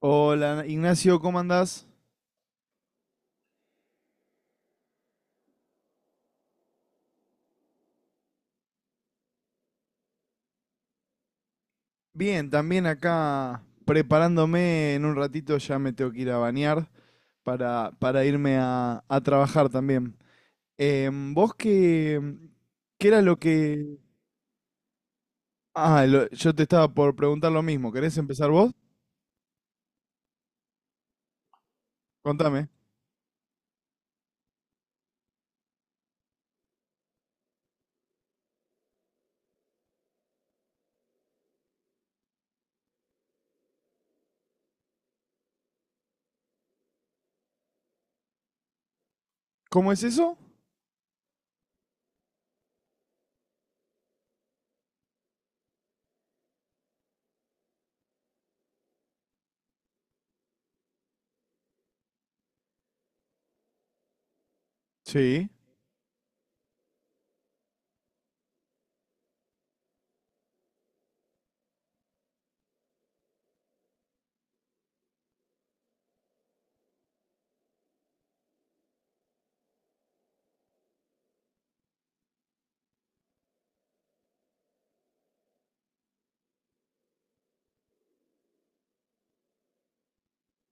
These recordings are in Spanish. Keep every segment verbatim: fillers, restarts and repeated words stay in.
Hola Ignacio, ¿cómo andás? Bien, también acá preparándome en un ratito, ya me tengo que ir a bañar para, para irme a, a trabajar también. Em, ¿vos qué, ¿Qué era lo que... Ah, lo- yo te estaba por preguntar lo mismo. ¿Querés empezar vos? Contame. ¿Cómo es eso? Sí,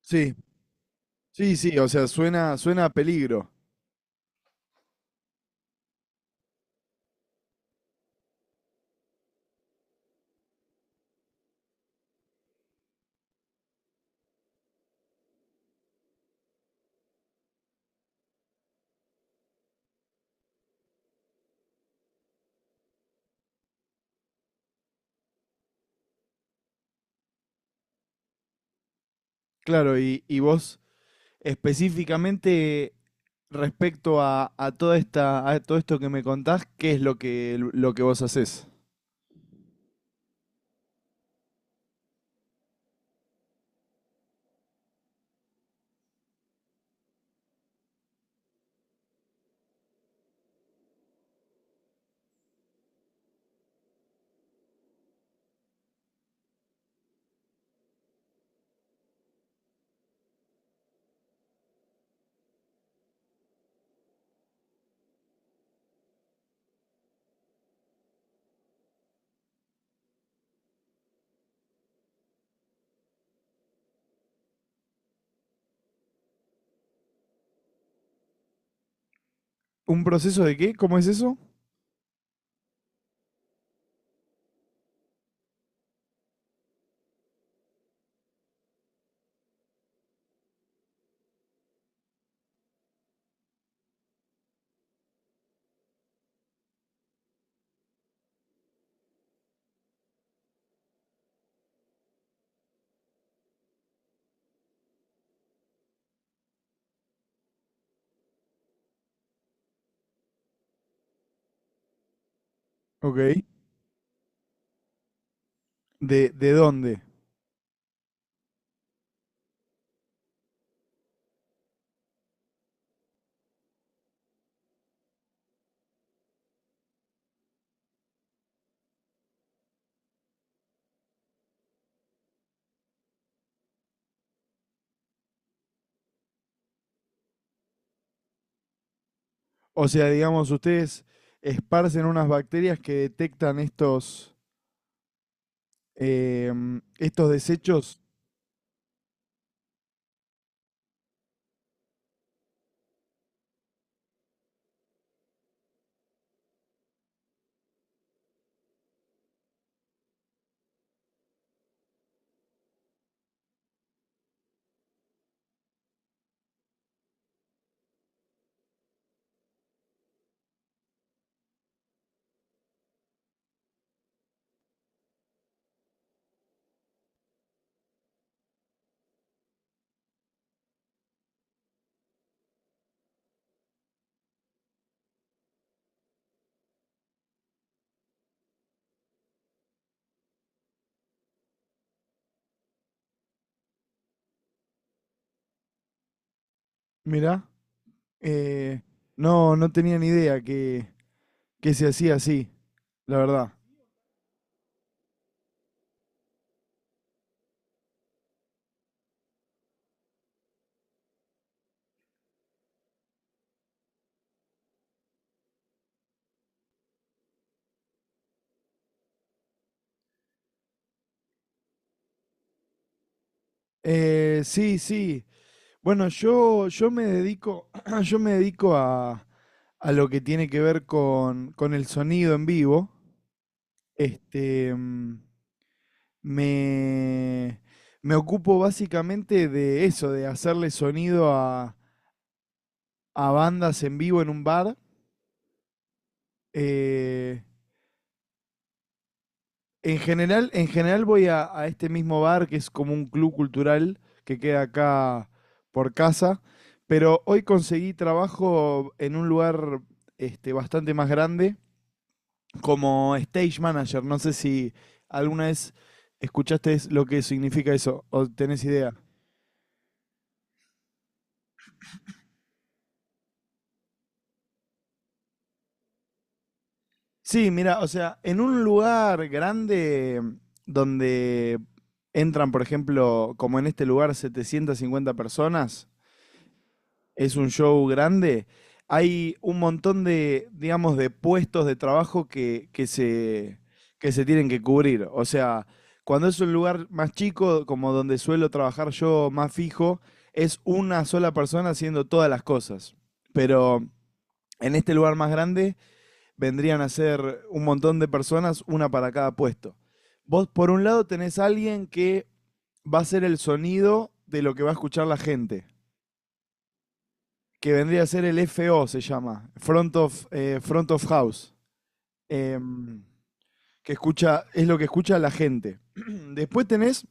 sí, sí, sí, o sea, suena, suena a peligro. Claro, y, y vos específicamente respecto a, a toda esta, a todo esto que me contás, ¿qué es lo que, lo que vos hacés? ¿Un proceso de qué? ¿Cómo es eso? Ok. ¿De, ¿de dónde? O sea, digamos, ustedes esparcen unas bacterias que detectan estos, em, estos desechos. Mirá, eh, no, no tenía ni idea que, que se hacía así, la verdad. Eh, sí, sí. Bueno, yo, yo me dedico, yo me dedico a, a lo que tiene que ver con, con el sonido en vivo. Este, mm, me, Me ocupo básicamente de eso, de hacerle sonido a, a bandas en vivo en un bar. Eh, en general, en general voy a, a este mismo bar, que es como un club cultural que queda acá por casa. Pero hoy conseguí trabajo en un lugar este, bastante más grande, como stage manager. No sé si alguna vez escuchaste es- lo que significa eso o tenés idea. Sí, mira, o sea, en un lugar grande donde entran, por ejemplo, como en este lugar, setecientas cincuenta personas. Es un show grande. Hay un montón de, digamos, de puestos de trabajo que, que se, que se tienen que cubrir. O sea, cuando es un lugar más chico, como donde suelo trabajar yo más fijo, es una sola persona haciendo todas las cosas. Pero en este lugar más grande vendrían a ser un montón de personas, una para cada puesto. Vos, por un lado, tenés a alguien que va a ser el sonido de lo que va a escuchar la gente, que vendría a ser el F O, se llama, Front of, eh, front of House, em, que escucha, es lo que escucha la gente. Después tenés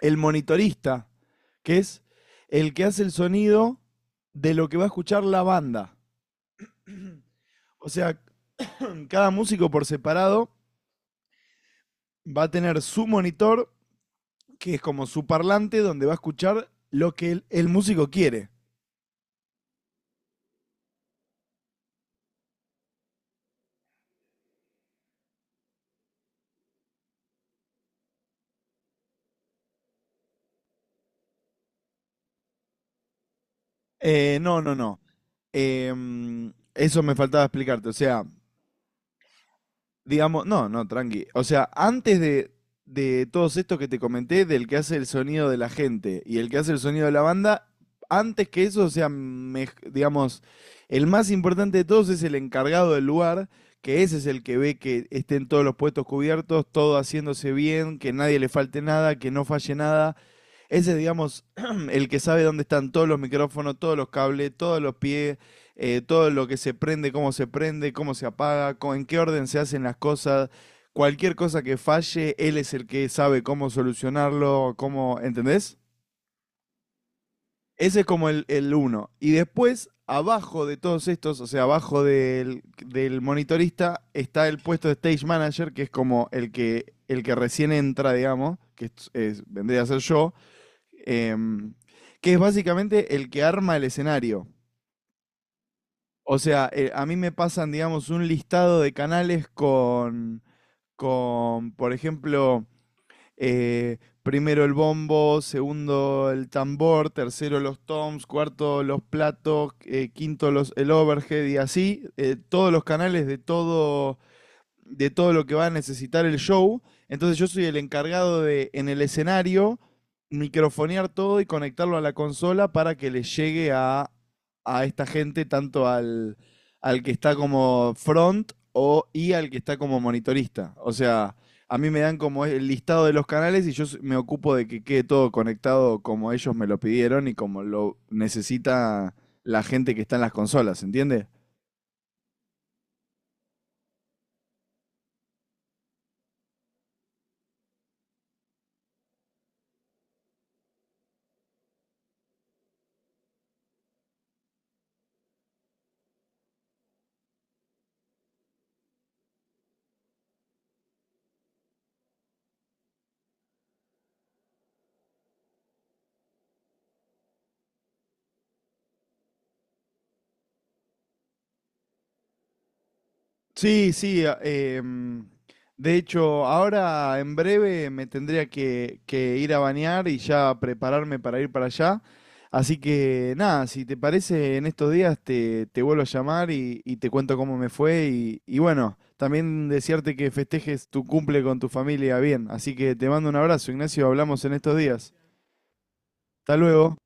el monitorista, que es el que hace el sonido de lo que va a escuchar la banda. O sea, cada músico por separado va a tener su monitor, que es como su parlante, donde va a escuchar lo que el, el músico quiere. Eh, no, no, no. Em, Eso me faltaba explicarte. O sea, digamos, no, no, tranqui. O sea, antes de, de todos estos que te comenté, del que hace el sonido de la gente y el que hace el sonido de la banda, antes que eso, o sea, mej- digamos, el más importante de todos es el encargado del lugar, que ese es el que ve que estén todos los puestos cubiertos, todo haciéndose bien, que nadie le falte nada, que no falle nada. Ese es, digamos, el que sabe dónde están todos los micrófonos, todos los cables, todos los pies, eh, todo lo que se prende, cómo se prende, cómo se apaga, co- en qué orden se hacen las cosas. Cualquier cosa que falle, él es el que sabe cómo solucionarlo, cómo, ¿entendés? Ese es como el, el uno. Y después, abajo de todos estos, o sea, abajo del, del monitorista, está el puesto de stage manager, que es como el que, el que recién entra, digamos, que es- es- vendría a ser yo, em, que es básicamente el que arma el escenario. O sea, eh, a mí me pasan, digamos, un listado de canales con, con, por ejemplo, eh, primero el bombo, segundo el tambor, tercero los toms, cuarto los platos, eh, quinto los, el overhead y así, eh, todos los canales de todo, de todo lo que va a necesitar el show. Entonces yo soy el encargado de, en el escenario, microfonear todo y conectarlo a la consola para que le llegue a, a esta gente, tanto al, al que está como front o, y al que está como monitorista. O sea, a mí me dan como el listado de los canales y yo me ocupo de que quede todo conectado como ellos me lo pidieron y como lo necesita la gente que está en las consolas, ¿entiendes? Sí, sí. A- em, de hecho, ahora en breve me tendría que, que ir a bañar y ya prepararme para ir para allá. Así que nada, si te parece, en estos días te, te vuelvo a llamar y, y te cuento cómo me fue. Y, y bueno, también desearte que festejes tu cumple con tu familia bien. Así que te mando un abrazo, Ignacio. Hablamos en estos días. Hasta luego.